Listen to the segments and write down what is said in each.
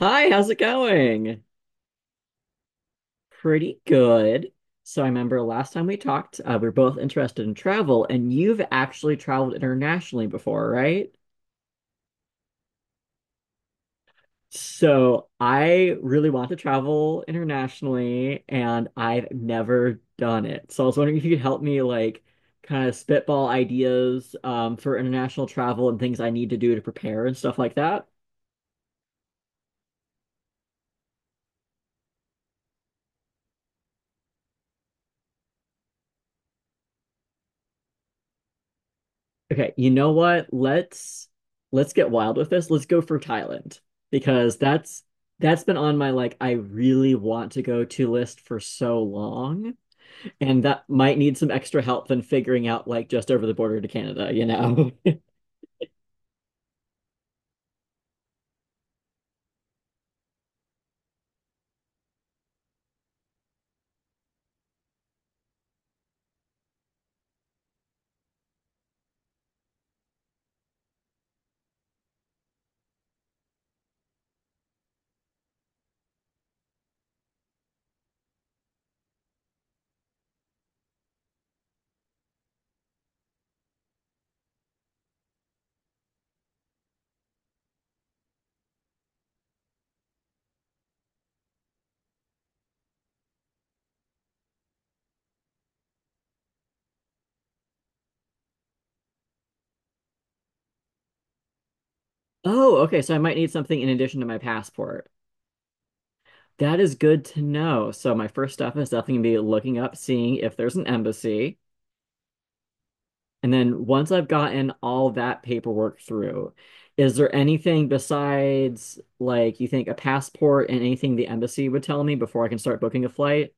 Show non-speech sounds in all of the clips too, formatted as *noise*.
Hi, how's it going? Pretty good. So I remember last time we talked, we are both interested in travel, and you've actually traveled internationally before, right? So I really want to travel internationally, and I've never done it. So I was wondering if you could help me, like, kind of spitball ideas for international travel and things I need to do to prepare and stuff like that. Okay, you know what? Let's get wild with this. Let's go for Thailand because that's been on my like I really want to go to list for so long, and that might need some extra help than figuring out like just over the border to Canada, you know. *laughs* Oh, okay, so I might need something in addition to my passport. That is good to know. So my first step is definitely gonna be looking up, seeing if there's an embassy. And then once I've gotten all that paperwork through, is there anything besides like you think a passport and anything the embassy would tell me before I can start booking a flight?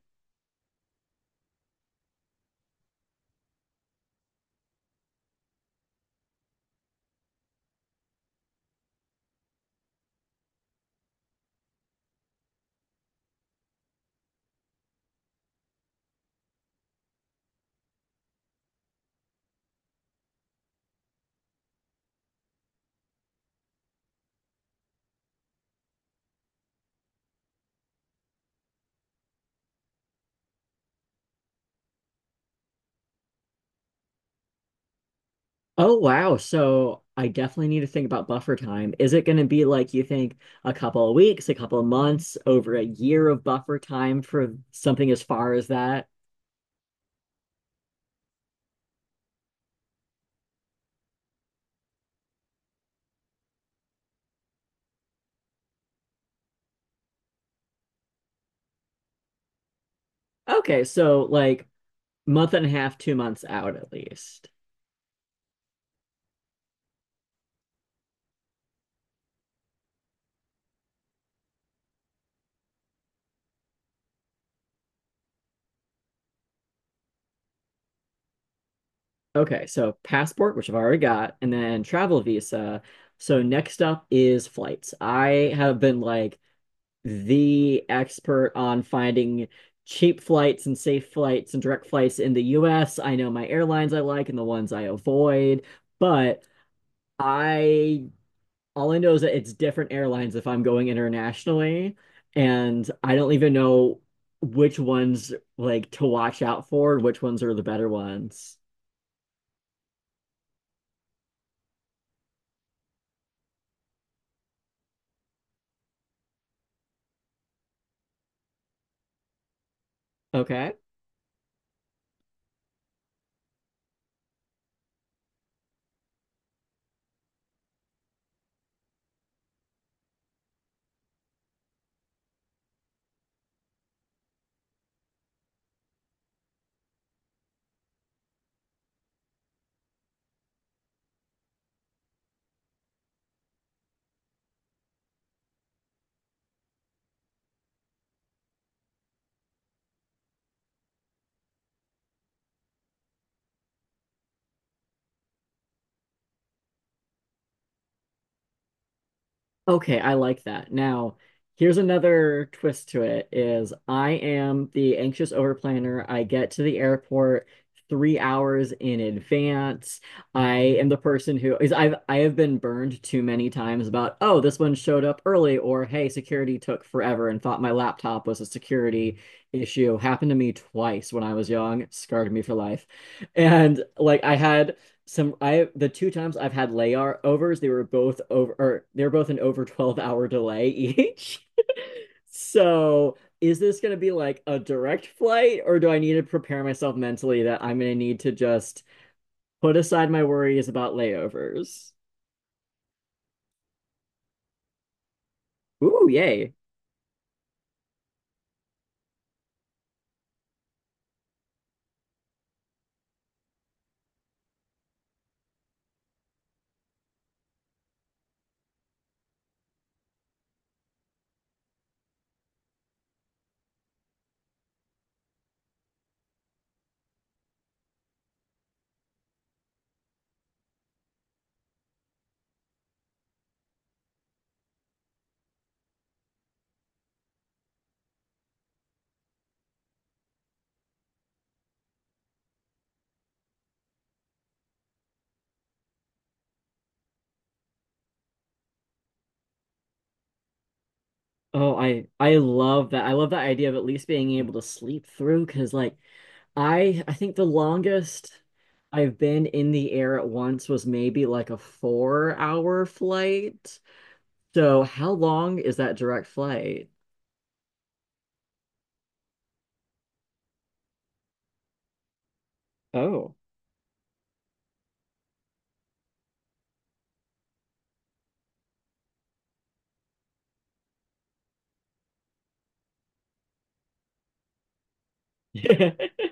Oh wow, so I definitely need to think about buffer time. Is it going to be like you think a couple of weeks, a couple of months, over a year of buffer time for something as far as that? Okay, so like month and a half, 2 months out at least. Okay, so passport, which I've already got, and then travel visa. So next up is flights. I have been like the expert on finding cheap flights and safe flights and direct flights in the US. I know my airlines I like and the ones I avoid, but I all I know is that it's different airlines if I'm going internationally, and I don't even know which ones like to watch out for, which ones are the better ones. Okay. Okay, I like that. Now, here's another twist to it is I am the anxious overplanner. I get to the airport 3 hours in advance. I am the person who is I have been burned too many times about, oh, this one showed up early, or hey, security took forever and thought my laptop was a security issue. Happened to me twice when I was young, scarred me for life. And like I had some I the two times I've had layovers, they were both an over 12-hour delay each. *laughs* So is this going to be like a direct flight or do I need to prepare myself mentally that I'm going to need to just put aside my worries about layovers? Ooh, yay. Oh, I love that. I love that idea of at least being able to sleep through because like I think the longest I've been in the air at once was maybe like a 4 hour flight. So how long is that direct flight? Oh, *laughs*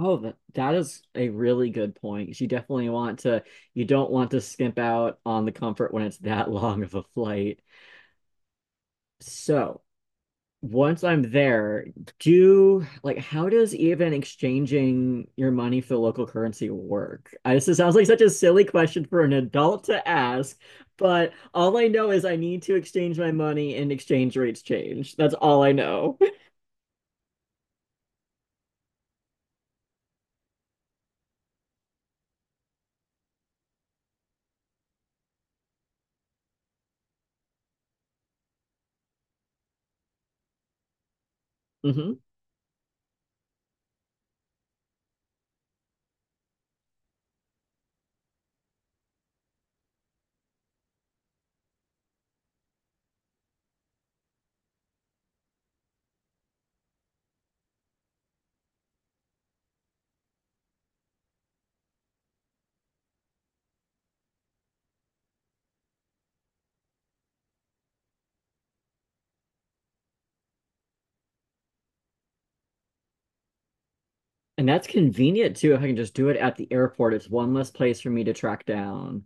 Oh, that is a really good point. You definitely want to, you don't want to skimp out on the comfort when it's that *laughs* long of a flight. So once I'm there, do like, how does even exchanging your money for local currency work? I, this sounds like such a silly question for an adult to ask, but all I know is I need to exchange my money and exchange rates change. That's all I know. *laughs* Mhm. And that's convenient too if I can just do it at the airport. It's one less place for me to track down.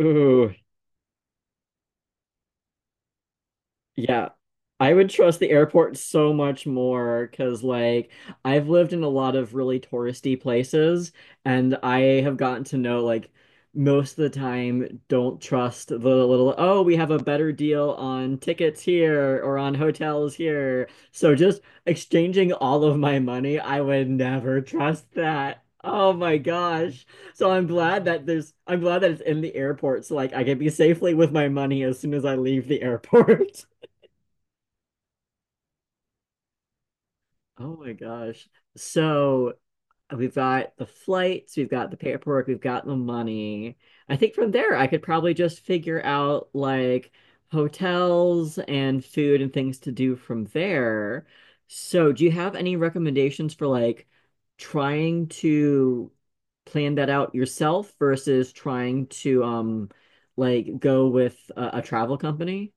Ooh. Yeah, I would trust the airport so much more because, like, I've lived in a lot of really touristy places, and I have gotten to know, like, most of the time, don't trust the little, oh, we have a better deal on tickets here or on hotels here. So just exchanging all of my money, I would never trust that. Oh my gosh. So I'm glad that it's in the airport so like I can be safely with my money as soon as I leave the *laughs* airport. Oh my gosh. So we've got the flights, we've got the paperwork, we've got the money. I think from there I could probably just figure out like hotels and food and things to do from there. So do you have any recommendations for like trying to plan that out yourself versus trying to like go with a travel company?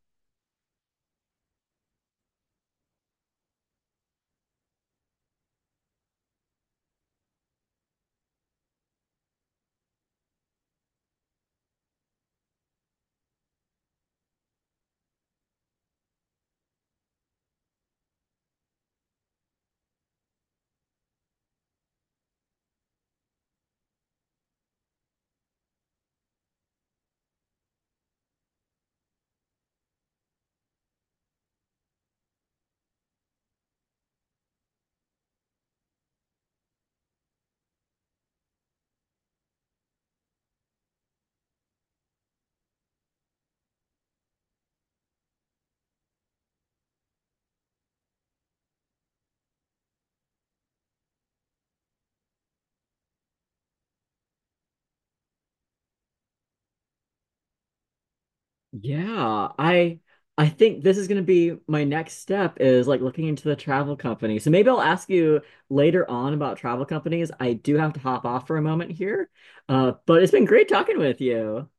Yeah, I I think this is going to be my next step is like looking into the travel company. So maybe I'll ask you later on about travel companies. I do have to hop off for a moment here. But it's been great talking with you.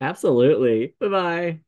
Absolutely. Bye-bye.